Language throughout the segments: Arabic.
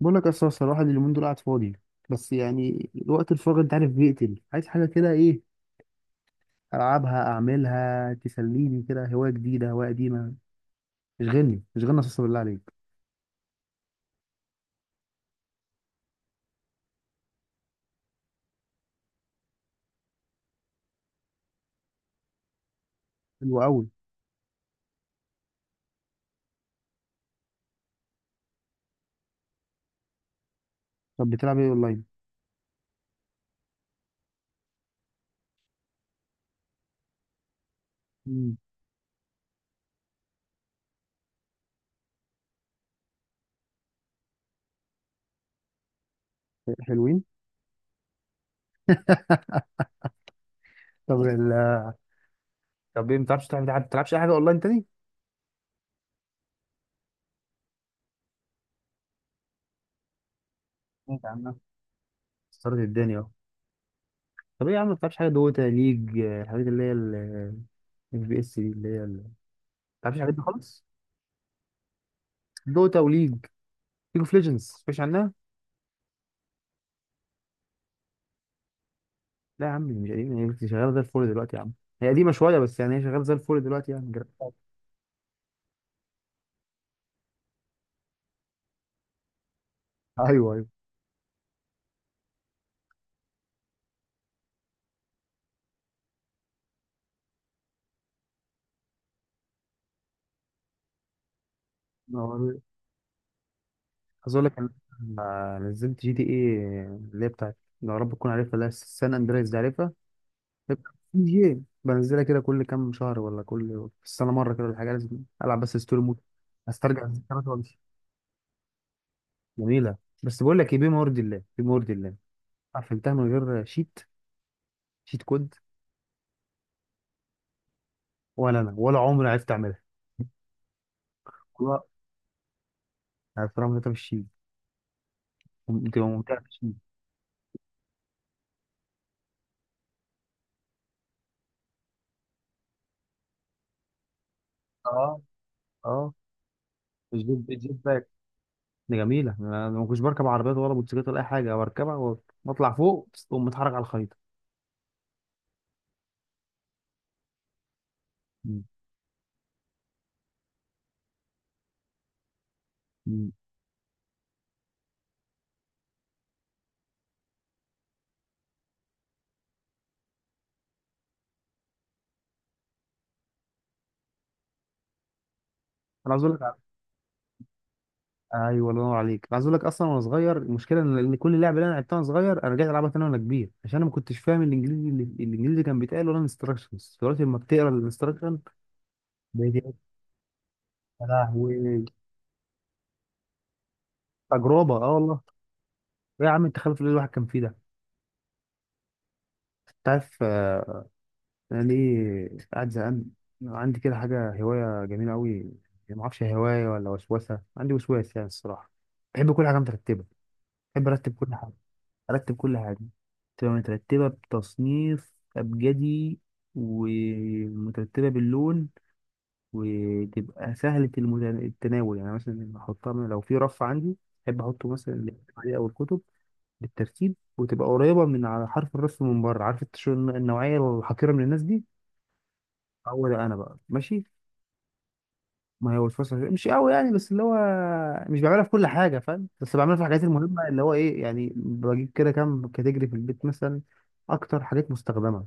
بقول لك أصل الواحد اليومين دول قاعد فاضي، بس يعني الوقت الفاضي انت عارف بيقتل. عايز حاجه كده ايه؟ العبها اعملها تسليني كده، هوايه جديده هوايه قديمه، اشغلني اساسا بالله عليك. حلو قوي. طب بتلعب ايه اونلاين؟ امم حلوين. طب ال... طب ايه، ما بتعرفش تلعب؟ ما بتلعبش اي حاجه اونلاين تاني؟ سمعت عنها، خسرت الدنيا اهو. طب ايه يا عم، ما بتلعبش حاجه؟ دوتا، ليج، الحاجات اللي هي ال اف بي اس، دي اللي هي ما بتلعبش الحاجات دي خالص؟ دوتا، وليج اوف ليجندز، مش عنها؟ لا يا عم مش قديمة، هي كنت شغالة زي الفل دلوقتي يا عم. هي قديمة شوية بس يعني هي شغالة زي الفل دلوقتي يعني ايوه ايوه. ما هو- عايز اقول لك انا نزلت جي تي اي، اللي هي بتاعت، يا رب تكون عارفها، اللي هي سان اندريس دي، عارفها؟ جي اي بنزلها كده كل كام شهر، ولا كل، في السنة مرة كده، ولا حاجة. لازم العب بس ستوري مود، استرجع الذكريات وامشي. جميلة. بس بقول لك ايه، بما يرضي الله بما يرضي الله، قفلتها من غير شيت، شيت كود. ولا انا ولا عمري عرفت اعملها، والله عرفت اعمل في الشيت، بتبقى ممتعة. اه اه، الجيت، الجيت باك. دي جميله، انا ما كنتش بركب عربيات ولا موتوسيكلات ولا اي حاجه، او اركبها واطلع فوق واقوم متحرك على الخريطه. مم. مم. انا عاوز اقول لك ايوه الله ينور عليك. انا عاوز اقول لك، اصلا وانا صغير المشكله ان كل لعبه اللي انا لعبتها وانا صغير، انا رجعت العبها تاني وانا كبير، عشان انا ما كنتش فاهم الانجليزي اللي اللي كان بيتقال، ولا الانستراكشنز. دلوقتي لما بتقرا الانستراكشن بقيت يا لهوي، تجربه اه والله. إيه يا عم التخلف اللي الواحد كان فيه ده! انت عارف انا ليه قاعد زهقان؟ عندي كده حاجه، هوايه جميله قوي، يعني ما اعرفش هي هوايه ولا وسوسه، عندي وسواس يعني الصراحه. بحب كل حاجه مترتبه، بحب ارتب كل حاجه، ارتب كل حاجه، تبقى مترتبه بتصنيف ابجدي ومترتبه باللون، وتبقى سهله التناول، يعني مثلا احطها لو في رف عندي بحب احطه مثلا الألعاب او الكتب بالترتيب، وتبقى قريبه من على حرف الرف من بره. عارف النوعيه الحقيره من الناس دي؟ هو ده، انا بقى ماشي. ما هو الفصل مش قوي يعني، بس اللي هو مش بعملها في كل حاجه، فاهم؟ بس بعملها في الحاجات المهمه، اللي هو ايه يعني، بجيب كده كام كاتيجري في البيت مثلا، اكتر حاجات مستخدمه.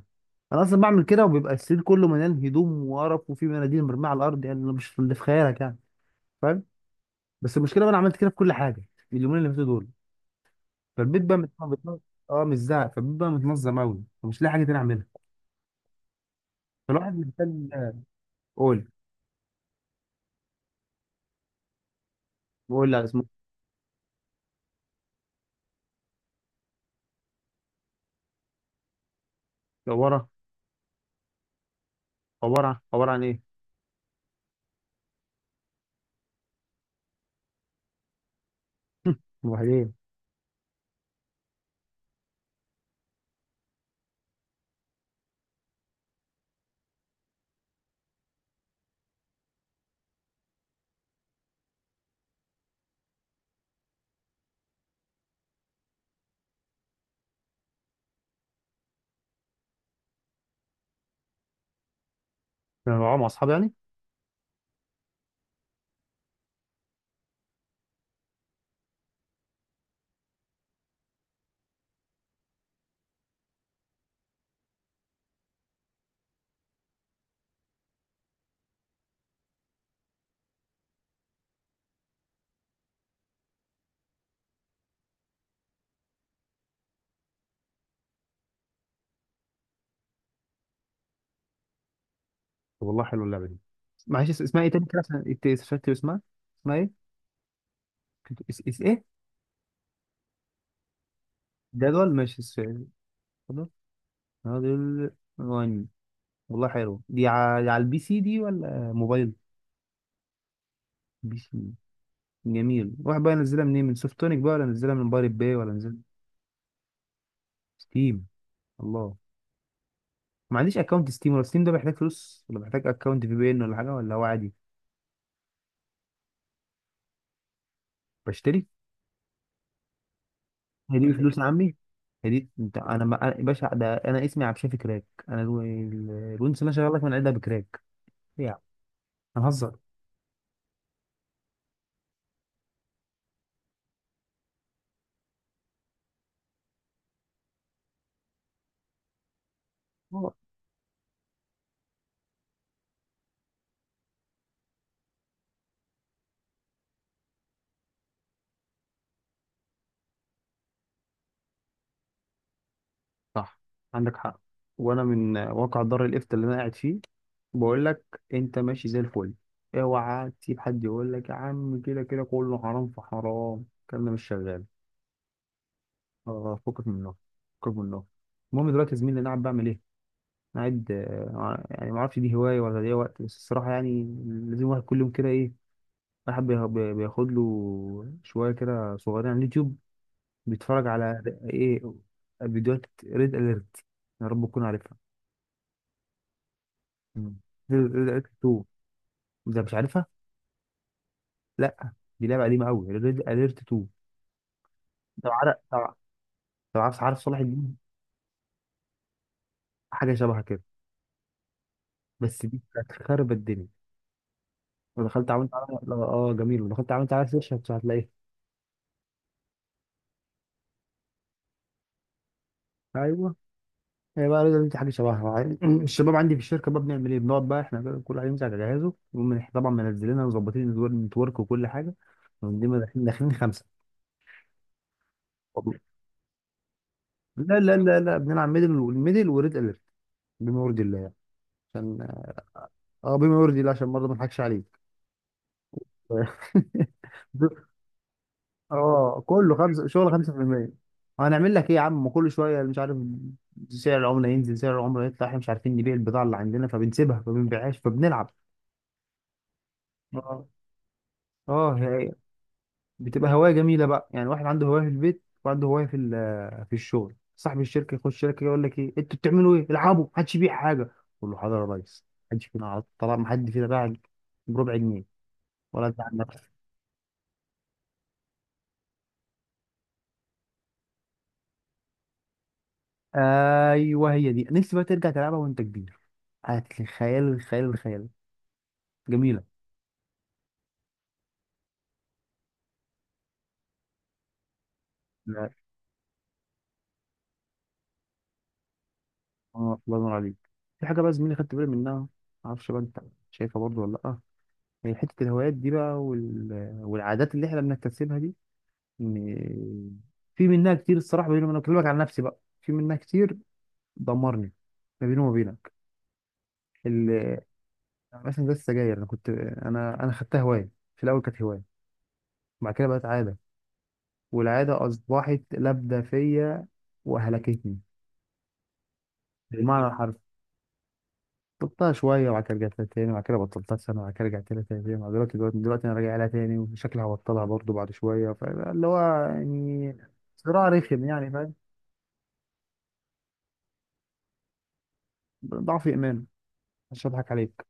انا اصلا بعمل كده، وبيبقى السرير كله مليان هدوم وقرف، وفي مناديل مرميه على الارض، يعني مش اللي في خيالك يعني، فاهم. بس المشكله بقى انا عملت كده في كل حاجه اليومين اللي فاتوا دول، فالبيت بقى اه مش زهق، فالبيت بقى متنظم قوي ومش لاقي حاجه تاني اعملها. فالواحد محتاج آه، قول. قول، لا اسمه؟ عباره عباره عن ايه؟ وبعدين؟ انا بلعبها مع اصحابي يعني. طب والله حلوه اللعبه دي، معلش اسمها ايه تاني كده، عشان استفدت اسمها. اسمها ايه؟ كنت اس اس ايه؟ جدول ماشي جدول، جدول وان. والله حلو. دي على، على البي سي دي ولا موبايل؟ بي سي. جميل، واحد بقى ينزلها منين، من سوفتونيك بقى ولا ينزلها من بايرت باي، ولا ينزلها؟ ستيم، الله. ما عنديش اكونت ستيم، ولا ستيم ده بيحتاج فلوس، ولا بيحتاج اكونت في بي ان ولا حاجه، ولا هو عادي؟ بشتري. هي دي فلوس يا عمي، هي دي، انت انا ما... أنا- يا باشا ده انا اسمي عبد الشافي كراك، انا الونس اللي انا شغال لك من عندها بكراك. ايه يا عم انا هزر. اه صح، عندك حق. وانا من واقع دار الافتاء اللي انا قاعد فيه، بقول لك انت ماشي زي الفل، اوعى تسيب حد يقول لك يا عم كده كده كله حرام في حرام، الكلام ده مش شغال. اه فكك منه، فكك منه. المهم دلوقتي يا زميلي، انا قاعد بعمل ايه؟ أنا قاعد يعني ما اعرفش دي هوايه ولا دي وقت، بس الصراحه يعني لازم واحد كل يوم كده ايه، بياخد له شوية كده صغيرين على اليوتيوب، بيتفرج على ايه، فيديوهات ريد اليرت، يا رب تكون عارفها. مم. ريد اليرت 2، ده مش عارفها؟ لا دي لعبة قديمة قوي، ريد اليرت 2. طب عارف طب طب عارف، عارف صلاح الدين؟ حاجة شبه كده، بس دي كانت خربت الدنيا. لو دخلت عملت على اه جميل، لو دخلت عملت على سيرش هتلاقيها. ايوه، هي بقى رضا دي حاجه شبهها، الشباب عندي في الشركه بقى بنعمل ايه، بنقعد بقى احنا كده كل واحد يمسك على جهازه، طبعا منزلينها ومظبطين النتورك وكل حاجه، ونقوم داخلين خمسه. لا لا لا لا بنلعب ميدل، والميدل وريد اليرت، بما يرضي الله يعني، عشان اه بما يرضي الله، عشان برضه ما نضحكش عليك. اه كله خمسه، شغل 5%. هنعمل لك ايه يا عم، كل شويه مش عارف سعر العمله ينزل سعر العمله يطلع، احنا مش عارفين نبيع البضاعه اللي عندنا فبنسيبها، فما بنبيعهاش فبنلعب. اه اه، بتبقى هوايه جميله بقى، يعني واحد عنده هوايه في البيت، وعنده هوايه في في الشغل. صاحب الشركه يخش الشركه يقول لك ايه انتوا بتعملوا ايه، العبوا، محدش يبيع حاجه. اقول له حاضر يا ريس، محدش فينا عرض طبعا، محد فينا باع بربع جنيه. ولا انت عن نفسك؟ ايوه، هي دي نفسي بقى ترجع تلعبها وانت كبير، هتخيل الخيال، الخيال جميله. لا اه الله ينور عليك. في حاجه بقى زميلي خدت بالي منها، معرفش بقى انت شايفها برضو ولا لا، هي حته الهوايات دي بقى والعادات اللي احنا بنكتسبها دي، م- في منها كتير الصراحه، بيني وبينك بكلمك عن نفسي بقى، في منها كتير دمرني، ما بيني وما بينك ال- مثلا زي السجاير. انا كنت انا خدتها هوايه، في الاول كانت هوايه بعد كده بقت عاده، والعاده اصبحت لابده فيا، وهلكتني بالمعنى الحرفي. بطلتها شويه وبعد كده رجعت لها تاني، وبعد كده بطلتها سنه وبعد كده رجعت لها تاني، وبعد دلوقتي انا راجع لها تاني، وشكلي هبطلها برضو بعد شويه، فاللي هو يعني صراع رخم يعني فاهم، ضعف ايمان مش هضحك عليك.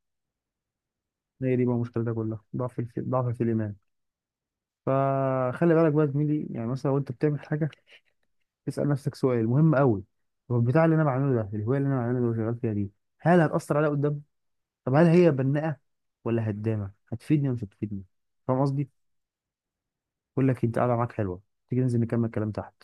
هي دي بقى المشكله، ده كلها ضعف في ضعف في الايمان. فخلي بالك بقى يا زميلي، يعني مثلا وانت بتعمل حاجه اسال نفسك سؤال مهم قوي، هو البتاع اللي انا بعمله ده، الهوايه اللي انا بعمله اللي شغال فيها دي، هل هتاثر عليا قدام؟ طب هل هي بناءه ولا هدامه؟ هتفيدني ولا مش هتفيدني؟ فاهم قصدي؟ بقول لك انت قاعده معاك حلوه، تيجي ننزل نكمل كلام تحت.